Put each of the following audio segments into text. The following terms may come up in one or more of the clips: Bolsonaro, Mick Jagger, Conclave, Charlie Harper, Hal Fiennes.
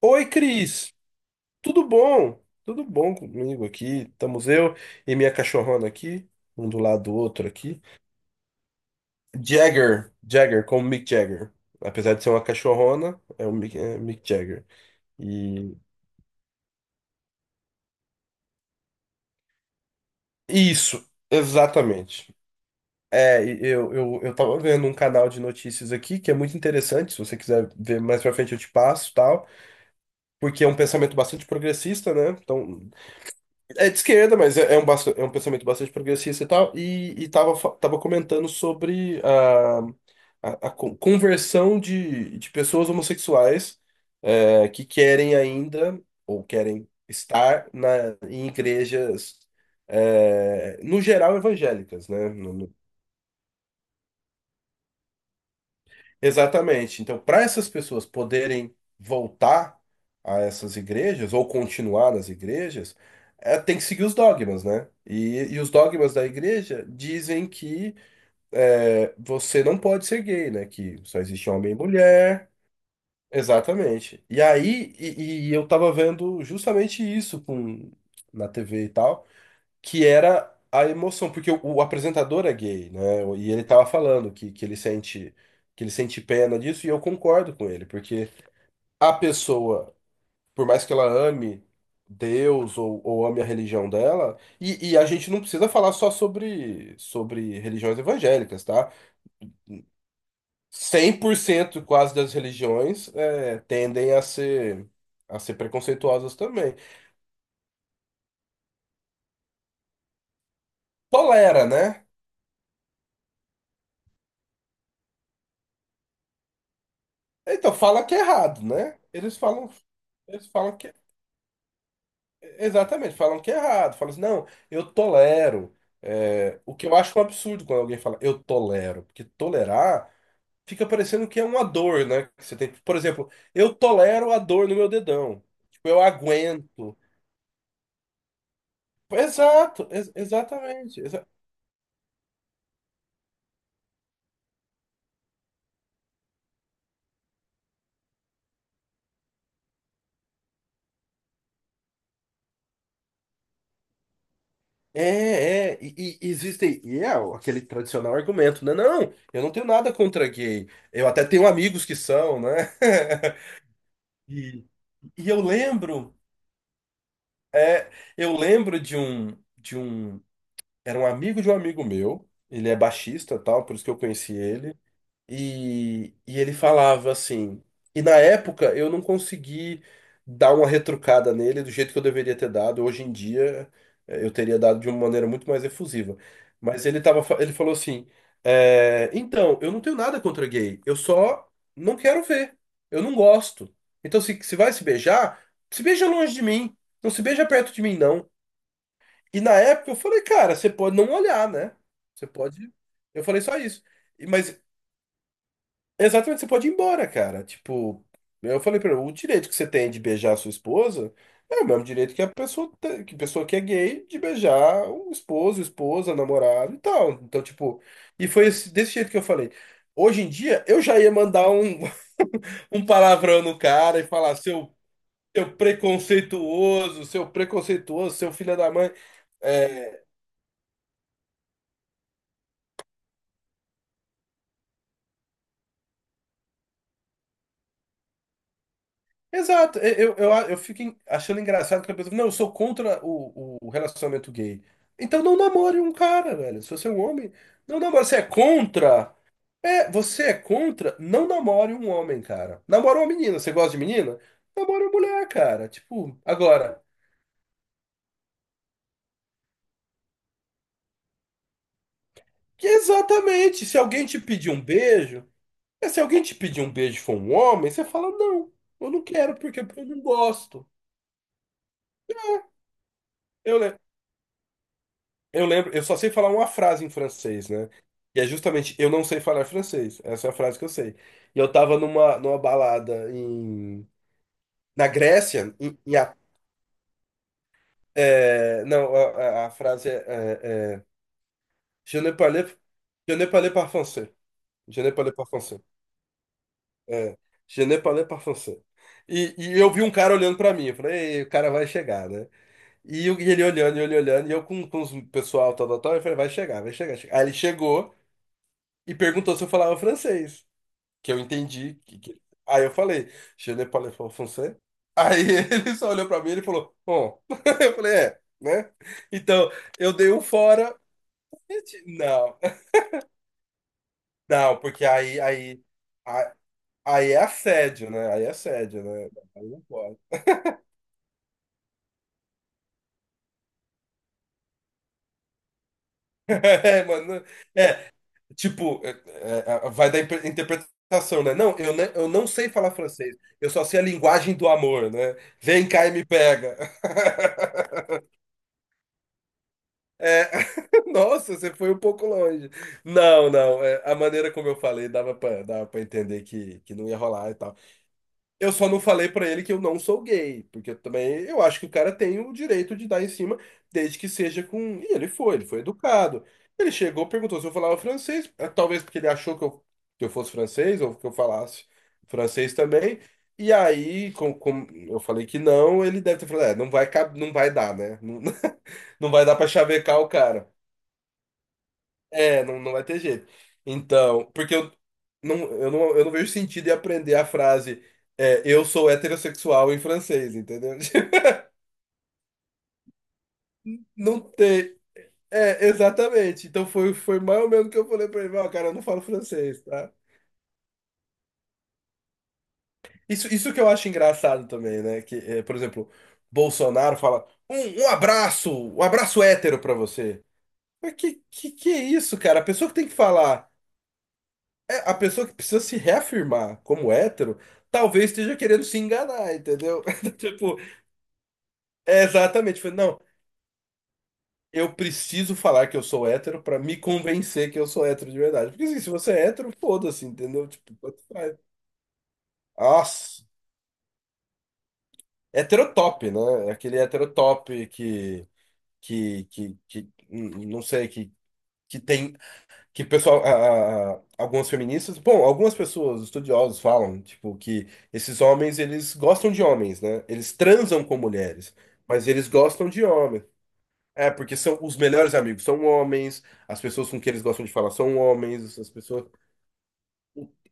Oi, Cris. Tudo bom? Tudo bom comigo aqui? Estamos eu e minha cachorrona aqui, um do lado do outro aqui. Jagger, Jagger, como Mick Jagger. Apesar de ser uma cachorrona, é o Mick, é Mick Jagger. E isso, exatamente. E eu tava vendo um canal de notícias aqui que é muito interessante. Se você quiser ver mais pra frente, eu te passo, tal. Porque é um pensamento bastante progressista, né? Então, é de esquerda, mas é um pensamento bastante progressista e tal, e tava, tava comentando sobre a conversão de pessoas homossexuais, que querem ainda, ou querem estar em igrejas, no geral, evangélicas, né? Exatamente. Então, para essas pessoas poderem voltar a essas igrejas ou continuar nas igrejas, tem que seguir os dogmas, né? E os dogmas da igreja dizem que, você não pode ser gay, né? Que só existe homem e mulher. Exatamente. E eu tava vendo justamente isso com, na TV e tal, que era a emoção, porque o apresentador é gay, né? E ele tava falando que ele sente pena disso, e eu concordo com ele, porque a pessoa, por mais que ela ame Deus ou ame a religião dela, e a gente não precisa falar só sobre religiões evangélicas, tá? 100% quase das religiões tendem a ser preconceituosas também. Tolera, né? Então fala que é errado, né? Eles falam que é exatamente, falam que é errado, falam assim, não, eu tolero. É, o que eu acho um absurdo quando alguém fala eu tolero, porque tolerar fica parecendo que é uma dor, né? Que você tem, por exemplo, eu tolero a dor no meu dedão. Tipo, eu aguento. Exatamente. Existe, e é aquele tradicional argumento, né? Não, eu não tenho nada contra gay. Eu até tenho amigos que são, né? E, e é, eu lembro de um. De um. Era um amigo de um amigo meu. Ele é baixista, tal, por isso que eu conheci ele. E ele falava assim. E na época eu não consegui dar uma retrucada nele do jeito que eu deveria ter dado. Hoje em dia, eu teria dado de uma maneira muito mais efusiva. Mas ele tava, ele falou assim: então, eu não tenho nada contra gay, eu só não quero ver. Eu não gosto. Então, se vai se beijar, se beija longe de mim. Não se beija perto de mim, não. E na época eu falei, cara, você pode não olhar, né? Você pode. Eu falei só isso. Mas exatamente, você pode ir embora, cara. Tipo, eu falei pra ele, o direito que você tem de beijar a sua esposa é o mesmo direito que que a pessoa que é gay de beijar o esposo, esposa, namorado e tal. Então, tipo, desse jeito que eu falei. Hoje em dia, eu já ia mandar um, um palavrão no cara e falar, seu, seu preconceituoso, seu preconceituoso, seu filho da mãe. é, Exato, eu fico achando engraçado que a pessoa, não, eu sou contra o relacionamento gay. Então não namore um cara, velho. Se você é um homem, não namore. Você é contra? É, você é contra? Não namore um homem, cara. Namora uma menina. Você gosta de menina? Namora uma mulher, cara. Tipo, agora, que exatamente, se alguém te pedir um beijo, se alguém te pedir um beijo e for um homem, você fala, não, eu não quero porque eu não gosto. Eu, Eu lembro, eu só sei falar uma frase em francês, né? E é justamente, eu não sei falar francês. Essa é a frase que eu sei. E eu tava numa balada em, na Grécia, em, em A- é, não, a frase é, é, é, Je ne parle, je ne parle pas français. Je ne parle pas français. É, je ne parle pas français. E eu vi um cara olhando pra mim. Eu falei, ei, o cara vai chegar, né? E ele olhando, e ele olhando, e eu com o pessoal, tal, tal, tal. Eu falei, vai chegar, vai chegar, chega. Aí ele chegou e perguntou se eu falava francês, que eu entendi. Aí eu falei, je ne parle pas français. Aí ele só olhou pra mim e ele falou, bom. Eu falei, é, né? Então, eu dei um fora. Gente, não, não, porque aí, a- aí, é assédio, né? Aí é assédio, né? Aí não pode. É, mano, é, tipo, vai da interpretação, né? Não, eu, eu não sei falar francês, eu só sei a linguagem do amor, né? Vem cá e me pega. É, nossa, você foi um pouco longe. Não, não, é, a maneira como eu falei dava pra entender que não ia rolar e tal. Eu só não falei pra ele que eu não sou gay, porque eu também eu acho que o cara tem o direito de dar em cima, desde que seja com. E ele foi educado. Ele chegou, perguntou se eu falava francês, talvez porque ele achou que eu fosse francês ou que eu falasse francês também. E aí, como eu falei que não, ele deve ter falado, é, não vai, não vai dar, né? Não vai dar pra chavecar o cara. É, não, não vai ter jeito. Então, porque eu não, eu não vejo sentido em aprender a frase, eu sou heterossexual em francês, entendeu? Não tem. É, exatamente. Então foi, foi mais ou menos o que eu falei pra ele, ó, cara, eu não falo francês, tá? Isso que eu acho engraçado também, né? Que, é, por exemplo, Bolsonaro fala um, um abraço hétero pra você. Mas que é isso, cara? A pessoa que tem que falar. É, a pessoa que precisa se reafirmar como hétero, talvez esteja querendo se enganar, entendeu? Tipo, é exatamente. Foi, não, eu preciso falar que eu sou hétero pra me convencer que eu sou hétero de verdade. Porque assim, se você é hétero, foda-se, entendeu? Tipo, tanto faz. Nossa, heterotop, né? É aquele heterotop que não sei, que tem que o pessoal, algumas feministas, bom, algumas pessoas, estudiosos falam, tipo, que esses homens, eles gostam de homens, né? Eles transam com mulheres, mas eles gostam de homens. É, porque são os melhores amigos são homens, as pessoas com quem eles gostam de falar são homens, as pessoas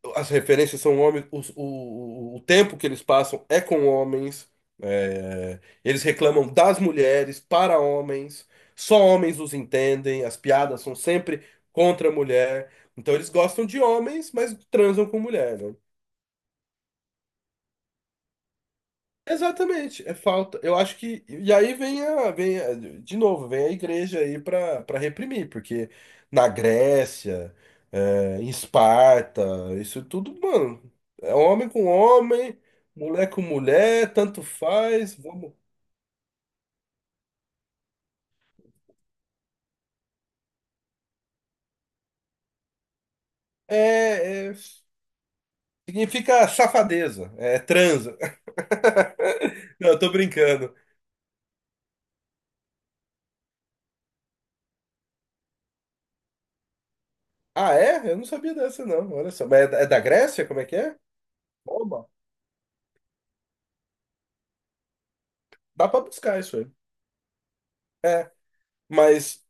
o- as referências são homens, o tempo que eles passam é com homens, eles reclamam das mulheres para homens, só homens os entendem, as piadas são sempre contra a mulher, então eles gostam de homens, mas transam com mulher, né? Exatamente, é falta. Eu acho que. E aí vem a, de novo, vem a igreja aí para para reprimir, porque na Grécia, em Esparta, isso tudo, mano, é homem com homem, mulher com mulher, tanto faz, vamos. É, é- significa safadeza, é transa. Não, eu tô brincando. Ah, é? Eu não sabia dessa, não. Olha só. Mas é da, é da Grécia? Como é que é? Oba, dá pra buscar isso aí. É. Mas.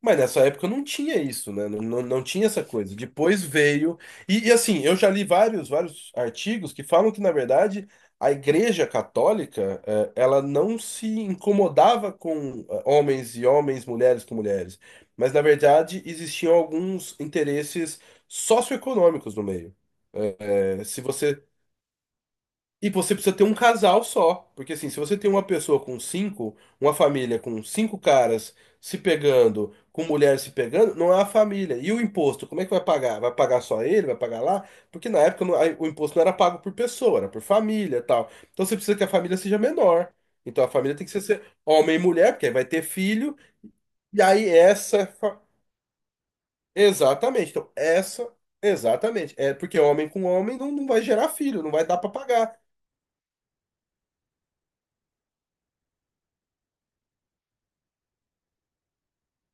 Mas nessa época não tinha isso, né? Não, não, não tinha essa coisa. Depois veio. Assim, eu já li vários artigos que falam que, na verdade, a Igreja Católica, ela não se incomodava com homens e homens, mulheres com mulheres. Mas, na verdade, existiam alguns interesses socioeconômicos no meio. Se você e você precisa ter um casal só. Porque assim, se você tem uma pessoa com cinco, uma família com cinco caras se pegando, com mulheres se pegando, não é uma família. E o imposto, como é que vai pagar? Vai pagar só ele? Vai pagar lá? Porque na época aí o imposto não era pago por pessoa, era por família e tal. Então você precisa que a família seja menor. Então a família tem que ser ser homem e mulher, porque aí vai ter filho. E aí essa. fa- Exatamente. Então essa. Exatamente. É porque homem com homem não, não vai gerar filho, não vai dar pra pagar.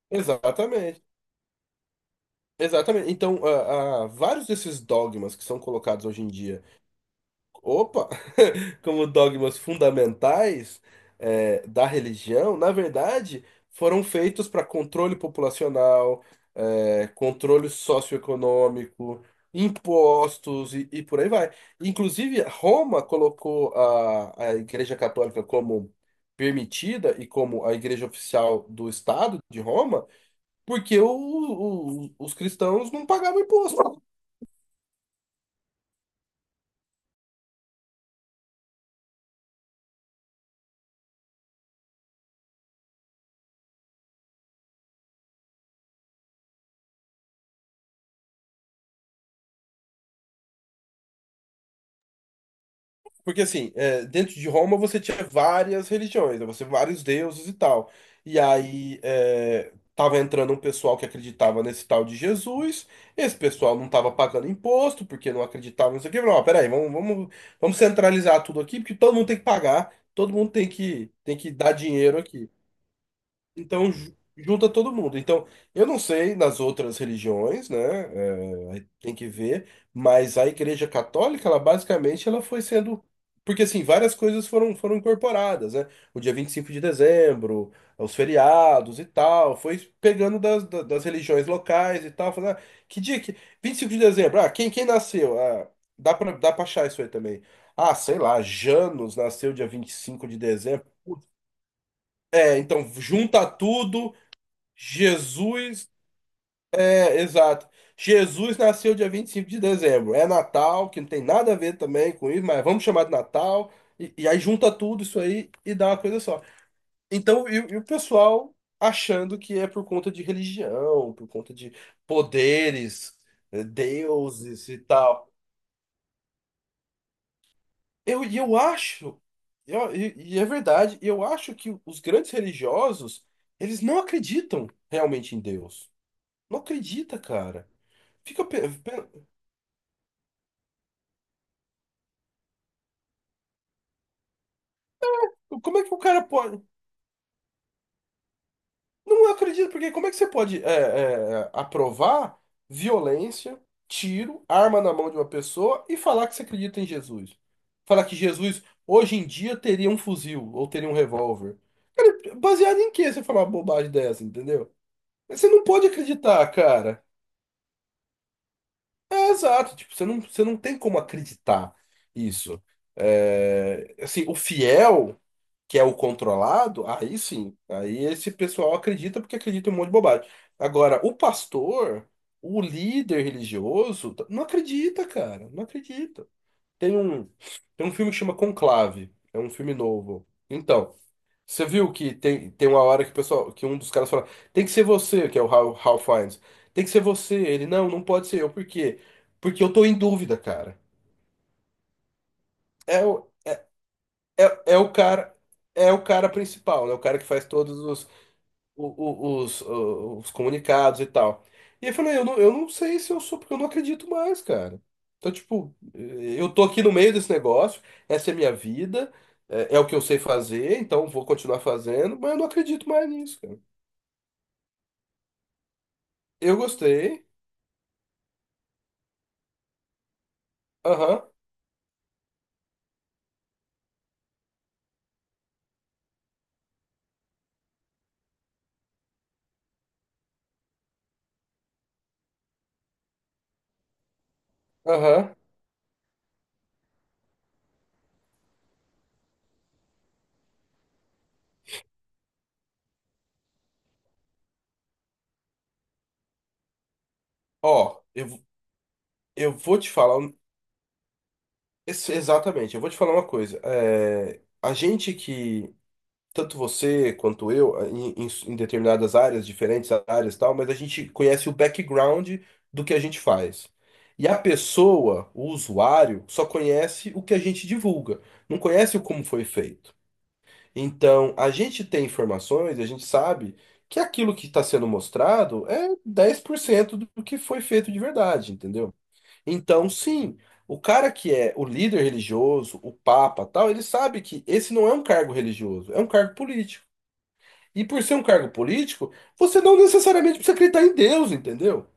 Exatamente. Exatamente. Então, vários desses dogmas que são colocados hoje em dia, opa, como dogmas fundamentais, da religião, na verdade, foram feitos para controle populacional, controle socioeconômico, impostos e por aí vai. Inclusive, Roma colocou a Igreja Católica como permitida e como a igreja oficial do Estado de Roma porque os cristãos não pagavam imposto. Porque, assim, dentro de Roma você tinha várias religiões, né? Você vários deuses e tal. E aí tava entrando um pessoal que acreditava nesse tal de Jesus, esse pessoal não tava pagando imposto, porque não acreditava, não sei o quê. Falou, ó, peraí, vamos, vamos centralizar tudo aqui, porque todo mundo tem que pagar, todo mundo tem que dar dinheiro aqui. Então, junta todo mundo. Então, eu não sei nas outras religiões, né? Aí tem que ver, mas a Igreja Católica, ela basicamente ela foi sendo. Porque, assim, várias coisas foram, foram incorporadas, né? O dia 25 de dezembro, os feriados e tal, foi pegando das, das religiões locais e tal, falando, ah, que dia que. 25 de dezembro, ah, quem, quem nasceu? Ah, dá pra achar isso aí também. Ah, sei lá, Janos nasceu dia 25 de dezembro. É, então junta tudo Jesus, é, exato. Jesus nasceu dia 25 de dezembro. É Natal, que não tem nada a ver também com isso, mas vamos chamar de Natal. E aí junta tudo isso aí e dá uma coisa só. Então, e o pessoal achando que é por conta de religião, por conta de poderes, deuses e tal. E eu acho, e é verdade, eu acho que os grandes religiosos, eles não acreditam realmente em Deus. Não acredita, cara. Fica, Como é que o cara pode. Não acredito, porque como é que você pode aprovar violência, tiro, arma na mão de uma pessoa e falar que você acredita em Jesus? Falar que Jesus hoje em dia teria um fuzil ou teria um revólver. Baseado em que você falar uma bobagem dessa, entendeu? Você não pode acreditar, cara. É exato, tipo, você não tem como acreditar isso. É, assim, o fiel. Que é o controlado, aí sim. Aí esse pessoal acredita porque acredita em um monte de bobagem. Agora, o pastor, o líder religioso, não acredita, cara. Não acredita. Tem um, tem um filme que chama Conclave. É um filme novo. Então, você viu que tem, tem uma hora que o pessoal, que um dos caras fala, tem que ser você, que é o Hal Fiennes. Tem que ser você. Ele, não, não pode ser eu. Por quê? Porque eu tô em dúvida, cara. É o, é o cara, é o cara principal, né? O cara que faz todos os o- os comunicados e tal. E eu falei, eu não sei se eu sou, porque eu não acredito mais, cara. Então, tipo, eu tô aqui no meio desse negócio, essa é a minha vida, é, é o que eu sei fazer, então vou continuar fazendo, mas eu não acredito mais nisso, cara. Eu gostei, aham, aham. Ó, eu vou te falar, exatamente, eu vou te falar uma coisa. É, a gente que tanto você quanto eu, em, em determinadas áreas, diferentes áreas e tal, mas a gente conhece o background do que a gente faz. E a pessoa, o usuário, só conhece o que a gente divulga, não conhece o como foi feito. Então, a gente tem informações, a gente sabe que aquilo que está sendo mostrado é 10% do que foi feito de verdade, entendeu? Então, sim, o cara que é o líder religioso, o papa, tal, ele sabe que esse não é um cargo religioso, é um cargo político. E por ser um cargo político, você não necessariamente precisa acreditar em Deus, entendeu?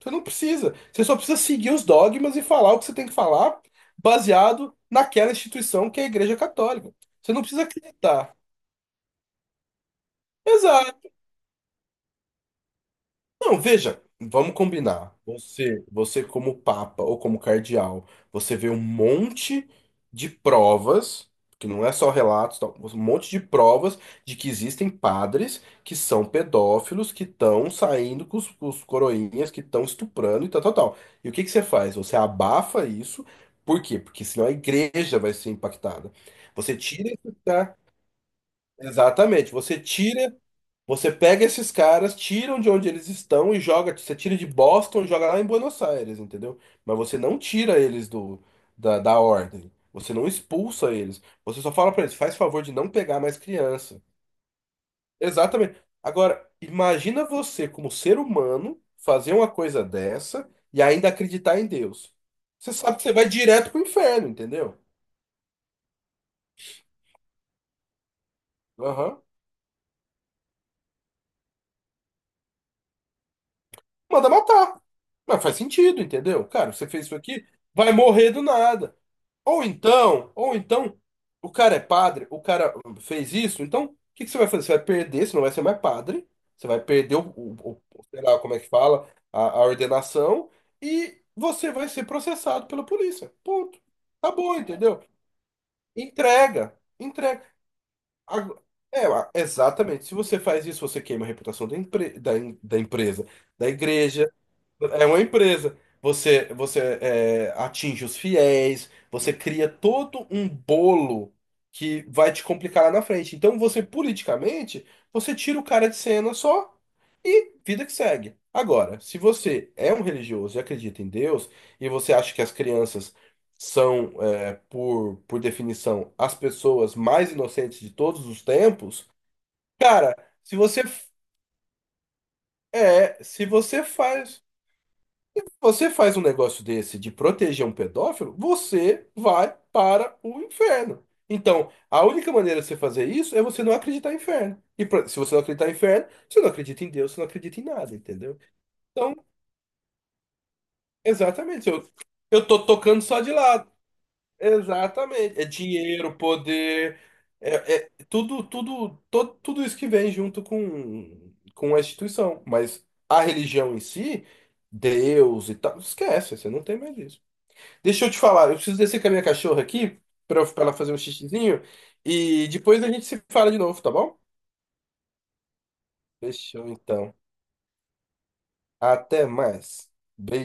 Você não precisa. Você só precisa seguir os dogmas e falar o que você tem que falar, baseado naquela instituição que é a Igreja Católica. Você não precisa acreditar. Não, veja, vamos combinar. Você como papa ou como cardeal, você vê um monte de provas, que não é só relatos, tal, um monte de provas de que existem padres que são pedófilos, que estão saindo com com os coroinhas, que estão estuprando e tal, tal, tal. E o que que você faz? Você abafa isso, por quê? Porque senão a igreja vai ser impactada. Você tira esse cara. Exatamente, você tira. Você pega esses caras, tiram de onde eles estão e joga. Você tira de Boston, e joga lá em Buenos Aires, entendeu? Mas você não tira eles do da ordem. Você não expulsa eles. Você só fala pra eles, faz favor de não pegar mais criança. Exatamente. Agora, imagina você, como ser humano, fazer uma coisa dessa e ainda acreditar em Deus. Você sabe que você vai direto pro inferno, entendeu? Aham. Manda matar. Mas faz sentido, entendeu? Cara, você fez isso aqui, vai morrer do nada. Ou então, o cara é padre, o cara fez isso, então o que que você vai fazer? Você vai perder, você não vai ser mais padre, você vai perder sei lá como é que fala, a ordenação, e você vai ser processado pela polícia. Ponto. Tá bom, entendeu? Entrega, entrega. Ago- É, exatamente. Se você faz isso, você queima a reputação da empresa, da igreja. É uma empresa. Você atinge os fiéis, você cria todo um bolo que vai te complicar lá na frente. Então, você, politicamente, você tira o cara de cena só, vida que segue. Agora, se você é um religioso e acredita em Deus, e você acha que as crianças são, por definição, as pessoas mais inocentes de todos os tempos, cara, se você, se você faz. Você faz um negócio desse de proteger um pedófilo, você vai para o inferno. Então, a única maneira de você fazer isso é você não acreditar em inferno. E se você não acreditar em inferno, você não acredita em Deus, você não acredita em nada, entendeu? Então, exatamente. Eu tô tocando só de lado. Exatamente. É dinheiro, poder, é, é tudo, tudo, tudo isso que vem junto com a instituição. Mas a religião em si, Deus e tal, esquece, você não tem mais isso. Deixa eu te falar, eu preciso descer com a minha cachorra aqui pra ela fazer um xixizinho e depois a gente se fala de novo, tá bom? Fechou então. Até mais. Beijo.